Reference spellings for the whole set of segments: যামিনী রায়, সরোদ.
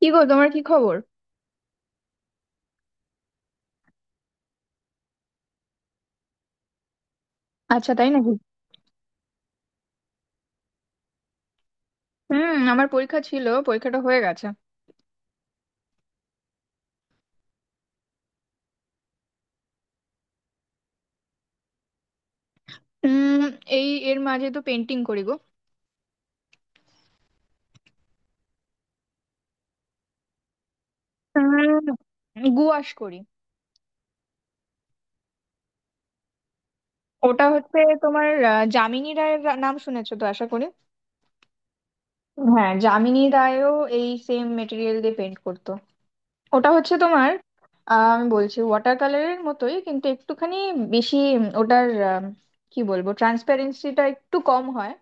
কি গো, তোমার কি খবর? আচ্ছা, তাই নাকি? হুম, আমার পরীক্ষা ছিল, পরীক্ষাটা হয়ে গেছে। উম এই এর মাঝে তো পেন্টিং করি গো। উম গুয়াশ করি। ওটা হচ্ছে তোমার, যামিনী রায়ের নাম শুনেছো তো আশা করি। হ্যাঁ, যামিনী রায়ও এই সেম মেটেরিয়াল দিয়ে পেন্ট করতো। ওটা হচ্ছে তোমার, আমি বলছি ওয়াটার কালারের মতোই কিন্তু একটুখানি বেশি, ওটার, কি বলবো, ট্রান্সপারেন্সিটা একটু কম হয়।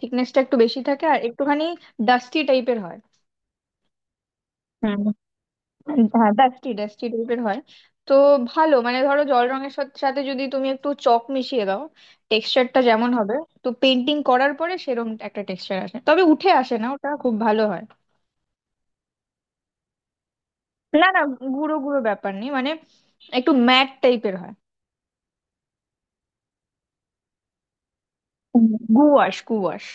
থিকনেসটা একটু বেশি থাকে আর একটুখানি ডাস্টি টাইপের হয়। হ্যাঁ, ডাস্টি ডাস্টি টাইপের হয়। তো ভালো, মানে ধরো জল রঙের সাথে সাথে যদি তুমি একটু চক মিশিয়ে দাও, টেক্সচারটা যেমন হবে, তো পেন্টিং করার পরে সেরকম একটা টেক্সচার আসে, তবে উঠে আসে না, ওটা খুব ভালো হয়। না, না, গুঁড়ো গুঁড়ো ব্যাপার নেই, মানে একটু ম্যাট টাইপের হয়। হুম। Gouache, gouache.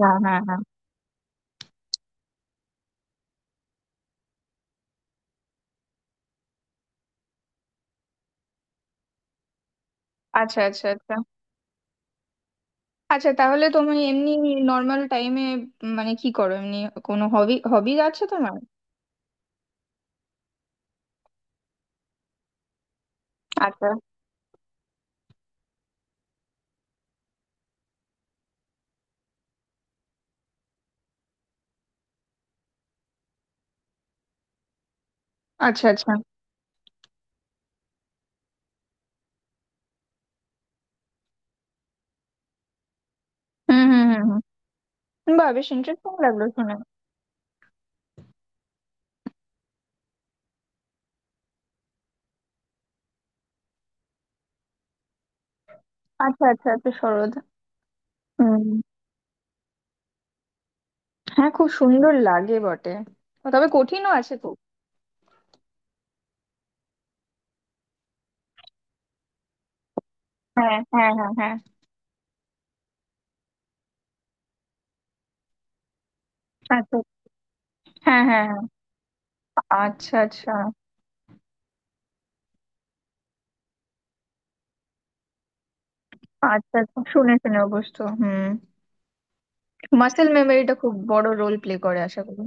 হ্যাঁ, হ্যাঁ, হ্যাঁ। আচ্ছা, আচ্ছা, আচ্ছা। আচ্ছা, তাহলে তুমি এমনি নর্মাল টাইমে, মানে কি করো এমনি? কোনো হবি হবি আছে তোমার? আচ্ছা, আচ্ছা, আচ্ছা। হুম, হুম, হুম, হুম। বা, বেশ ইন্টারেস্টিং লাগলো শুনে। আচ্ছা, আচ্ছা, আচ্ছা, সরোদ। হুম। হ্যাঁ, খুব সুন্দর লাগে বটে। তবে কঠিনও আছে খুব। হ্যাঁ, হ্যাঁ, হ্যাঁ, হ্যাঁ। আচ্ছা। হ্যাঁ, হ্যাঁ, হ্যাঁ। আচ্ছা আচ্ছা, আচ্ছা। আচ্ছা, শুনে শুনে অবশ্য, হুম। মাসেল মেমোরিটা খুব বড় রোল প্লে করে আশা করি।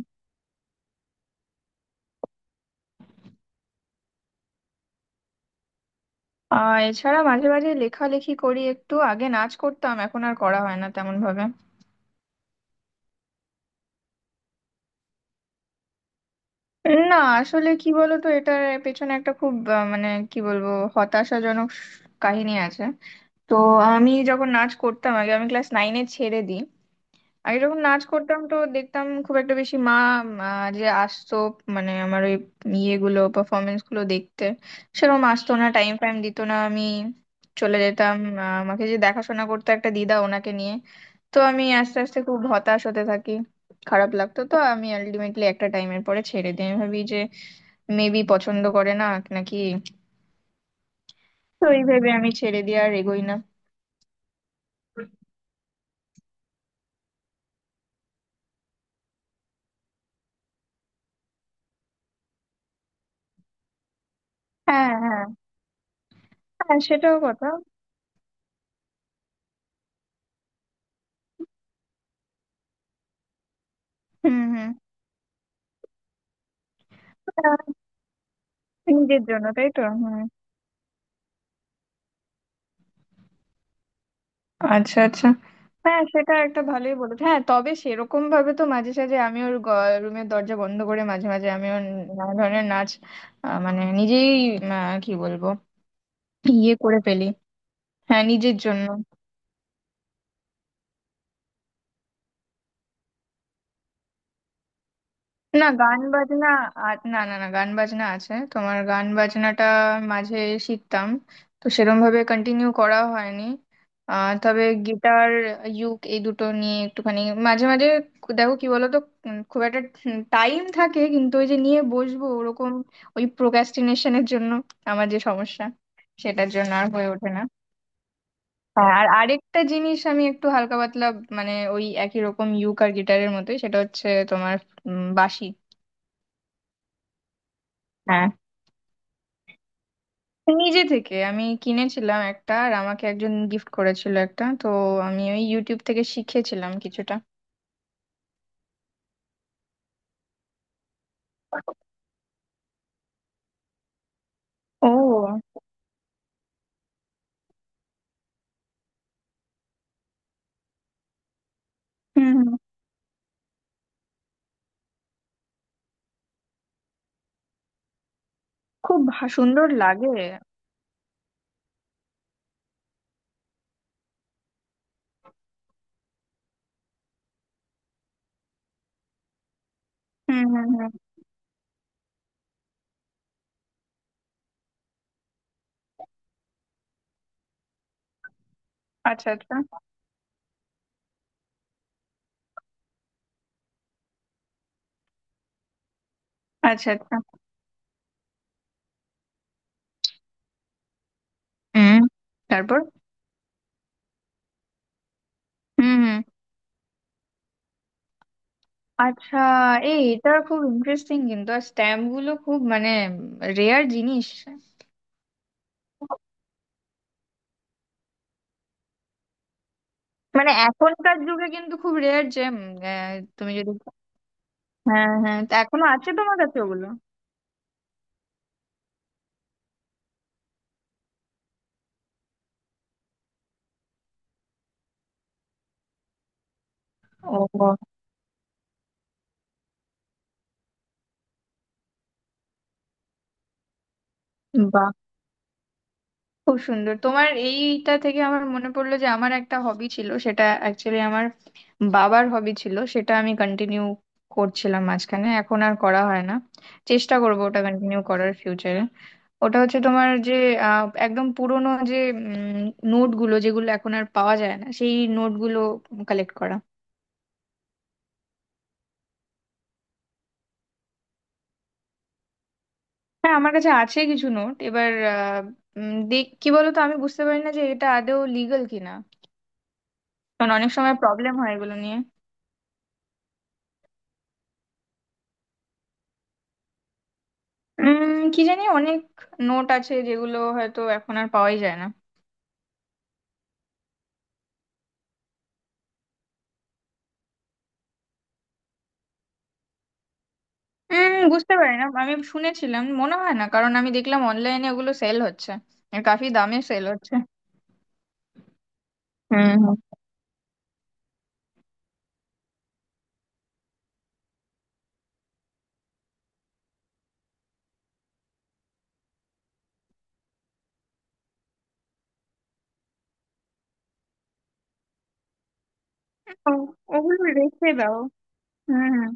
আর এছাড়া মাঝে মাঝে লেখালেখি করি, একটু আগে নাচ করতাম, এখন আর করা হয় না তেমন ভাবে। না, আসলে কি বলতো, এটার পেছনে একটা খুব মানে কি বলবো, হতাশাজনক কাহিনী আছে। তো আমি যখন নাচ করতাম, আগে আমি ক্লাস নাইনে ছেড়ে দিই। আগে যখন নাচ করতাম তো দেখতাম, খুব একটা বেশি মা যে আসতো, মানে আমার ওই ইয়েগুলো, পারফরমেন্স গুলো দেখতে সেরকম আসতো না, টাইম ফাইম দিত না, আমি চলে যেতাম। আমাকে যে দেখাশোনা করতো একটা দিদা, ওনাকে নিয়ে। তো আমি আস্তে আস্তে খুব হতাশ হতে থাকি। খারাপ লাগতো, তো আমি আলটিমেটলি একটা টাইমের পরে ছেড়ে দিই। আমি ভাবি যে মেবি পছন্দ করে না নাকি। তো এই ভেবে আমি ছেড়ে দিয়ে আর এগোই না। হ্যাঁ, হ্যাঁ। হ্যাঁ, সেটাও কথা। হুম, হুম। আহ, নিজের জন্য, তাই তো, হুম। আচ্ছা, আচ্ছা। হ্যাঁ, সেটা একটা ভালোই বলেছে, হ্যাঁ, তবে সেরকম ভাবে তো মাঝে সাঝে আমি ওর রুমের দরজা বন্ধ করে মাঝে মাঝে আমি ওর নানা ধরনের নাচ, মানে নিজেই, কি বলবো, ইয়ে করে ফেলি। হ্যাঁ, নিজের জন্য। না, গান বাজনা, আর না, না, না, গান বাজনা আছে। তোমার গান বাজনাটা মাঝে শিখতাম, তো সেরম ভাবে কন্টিনিউ করা হয়নি। তবে গিটার, ইউক, এই দুটো নিয়ে একটুখানি মাঝে মাঝে। দেখো কি বলতো, খুব একটা টাইম থাকে, কিন্তু ওই যে নিয়ে বসবো ওরকম, ওই প্রোক্রাস্টিনেশনের জন্য, আমার যে সমস্যা, সেটার জন্য আর হয়ে ওঠে না। হ্যাঁ, আর আরেকটা জিনিস আমি একটু হালকা পাতলা, মানে ওই একই রকম ইউক আর গিটারের মতোই, সেটা হচ্ছে তোমার বাঁশি। হ্যাঁ, নিজে থেকে আমি কিনেছিলাম একটা, আর আমাকে একজন গিফট করেছিল একটা, তো আমি ওই ইউটিউব থেকে শিখেছিলাম কিছুটা। ও। হুম, হুম। খুব সুন্দর লাগে। হুম, হুম, হুম। আচ্ছা, আচ্ছা, আচ্ছা। আচ্ছা। হুম। তারপর? হুম, হুম। আচ্ছা। এই, এটা খুব ইন্টারেস্টিং, কিন্তু আর স্ট্যাম্প গুলো খুব মানে রেয়ার জিনিস। মানে এখনকার যুগে কিন্তু খুব রেয়ার যে, আহ, তুমি যদি, হ্যাঁ, হ্যাঁ, তা এখনো আছে তোমার কাছে ওগুলো? ও, বাহ। খুব সুন্দর, তোমার এইটা থেকে আমার মনে পড়লো যে আমার একটা হবি ছিল, সেটা অ্যাকচুয়ালি আমার বাবার হবি ছিল, সেটা আমি কন্টিনিউ করছিলাম মাঝখানে, এখন আর করা হয় না। চেষ্টা করবো ওটা কন্টিনিউ করার ফিউচারে। ওটা হচ্ছে তোমার যে, একদম পুরোনো যে নোটগুলো, যেগুলো এখন আর পাওয়া যায় না, সেই নোটগুলো কালেক্ট করা। হ্যাঁ, আমার কাছে আছে কিছু নোট, এবার দেখ কি বলতো, আমি বুঝতে পারি না যে এটা আদৌ লিগাল কিনা। কারণ অনেক সময় প্রবলেম হয় এগুলো নিয়ে। কি জানি, অনেক নোট আছে যেগুলো হয়তো এখন আর পাওয়াই যায় না। বুঝতে পারি না, আমি শুনেছিলাম, মনে হয় না, কারণ আমি দেখলাম অনলাইনে ওগুলো সেল হচ্ছে, আর কাফি দামে সেল হচ্ছে। হুম, হুম। ওগুলো রেখে দাও। হুম, হুম।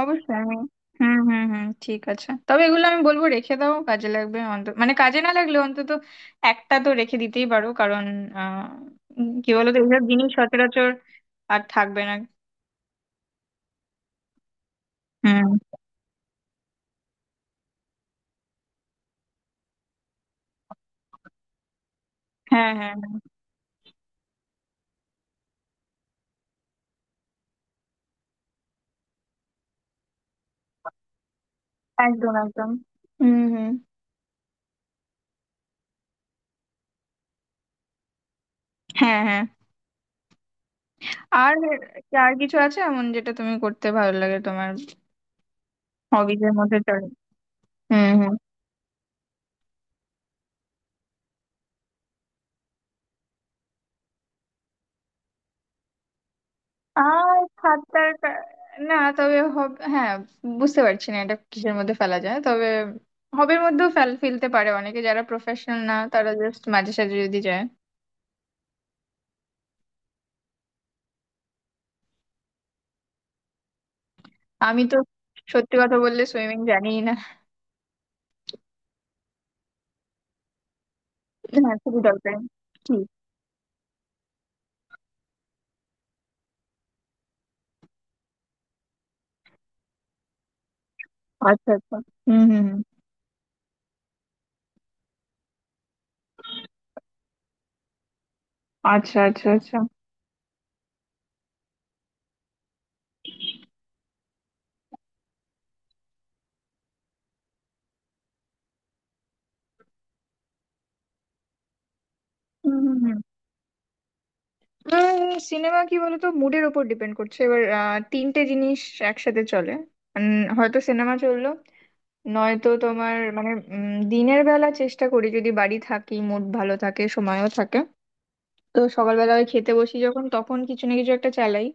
অবশ্যই আমি। হুম, হুম, হুম, ঠিক আছে, তবে এগুলো আমি বলবো রেখে দাও, কাজে লাগবে অন্তত, মানে কাজে না লাগলে অন্তত একটা তো রেখে দিতেই পারো, কারণ আহ কি বলতো, এইসব জিনিস সচরাচর আর থাকবে না। হুম। হ্যাঁ, হ্যাঁ। একদম, একদম। হুম, হুম। হ্যাঁ, হ্যাঁ। আর কি, আর কিছু আছে এমন যেটা তুমি করতে ভালো লাগে, তোমার হবিজ এর মধ্যে চলে? হুম, হুম। আর সাঁতার না, তবে হ্যাঁ, বুঝতে পারছি না এটা কিসের মধ্যে ফেলা যায়, তবে হবির মধ্যেও ফেলতে পারে অনেকে, যারা প্রফেশনাল না তারা জাস্ট মাঝে সাঝে যদি যায়। আমি তো, সত্যি কথা বললে, সুইমিং জানিই না। হ্যাঁ, খুবই দরকারি। কি? আচ্ছা, আচ্ছা। হুম, হুম, হুম। আচ্ছা, আচ্ছা, আচ্ছা। হুম, হুম, হুম। সিনেমা কি বলতো, মুডের ওপর ডিপেন্ড করছে, এবার তিনটে জিনিস একসাথে চলে। হয়তো সিনেমা চললো, নয়তো তোমার মানে, দিনের বেলা চেষ্টা করি যদি বাড়ি থাকি, মুড ভালো থাকে, সময়ও থাকে। তো সকালবেলা ওই খেতে বসি যখন, তখন কিছু না কিছু একটা চালাই।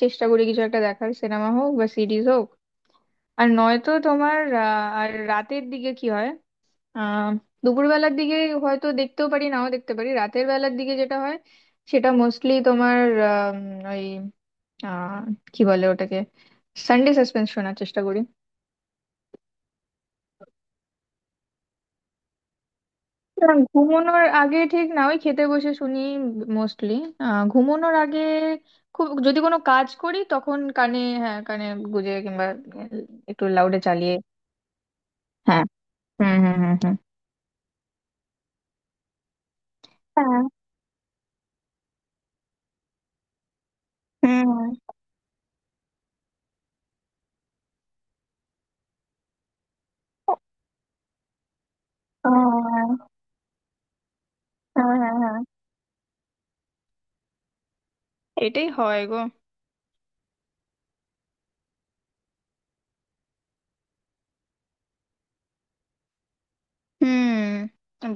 চেষ্টা করি কিছু একটা দেখার, সিনেমা হোক বা সিরিজ হোক। আর নয়তো তোমার, আর রাতের দিকে কি হয়, আহ দুপুরবেলার দিকে হয়তো দেখতেও পারি, নাও দেখতে পারি, রাতের বেলার দিকে যেটা হয় সেটা মোস্টলি তোমার, আহ কি বলে ওটাকে, সানডে সাসপেন্স শোনার চেষ্টা করি। না, ঘুমানোর আগে ঠিক না, ওই খেতে বসে শুনি মোস্টলি। ঘুমানোর আগে খুব যদি কোনো কাজ করি, তখন কানে, হ্যাঁ কানে গুজে, কিংবা একটু লাউডে চালিয়ে। হ্যাঁ। হুম, হুম, হুম, হুম। হ্যাঁ। হুম, হুম। ও, হ্যাঁ, হ্যাঁ, হ্যাঁ, হ্যাঁ, হ্যাঁ। এটাই হয় গো। হুম।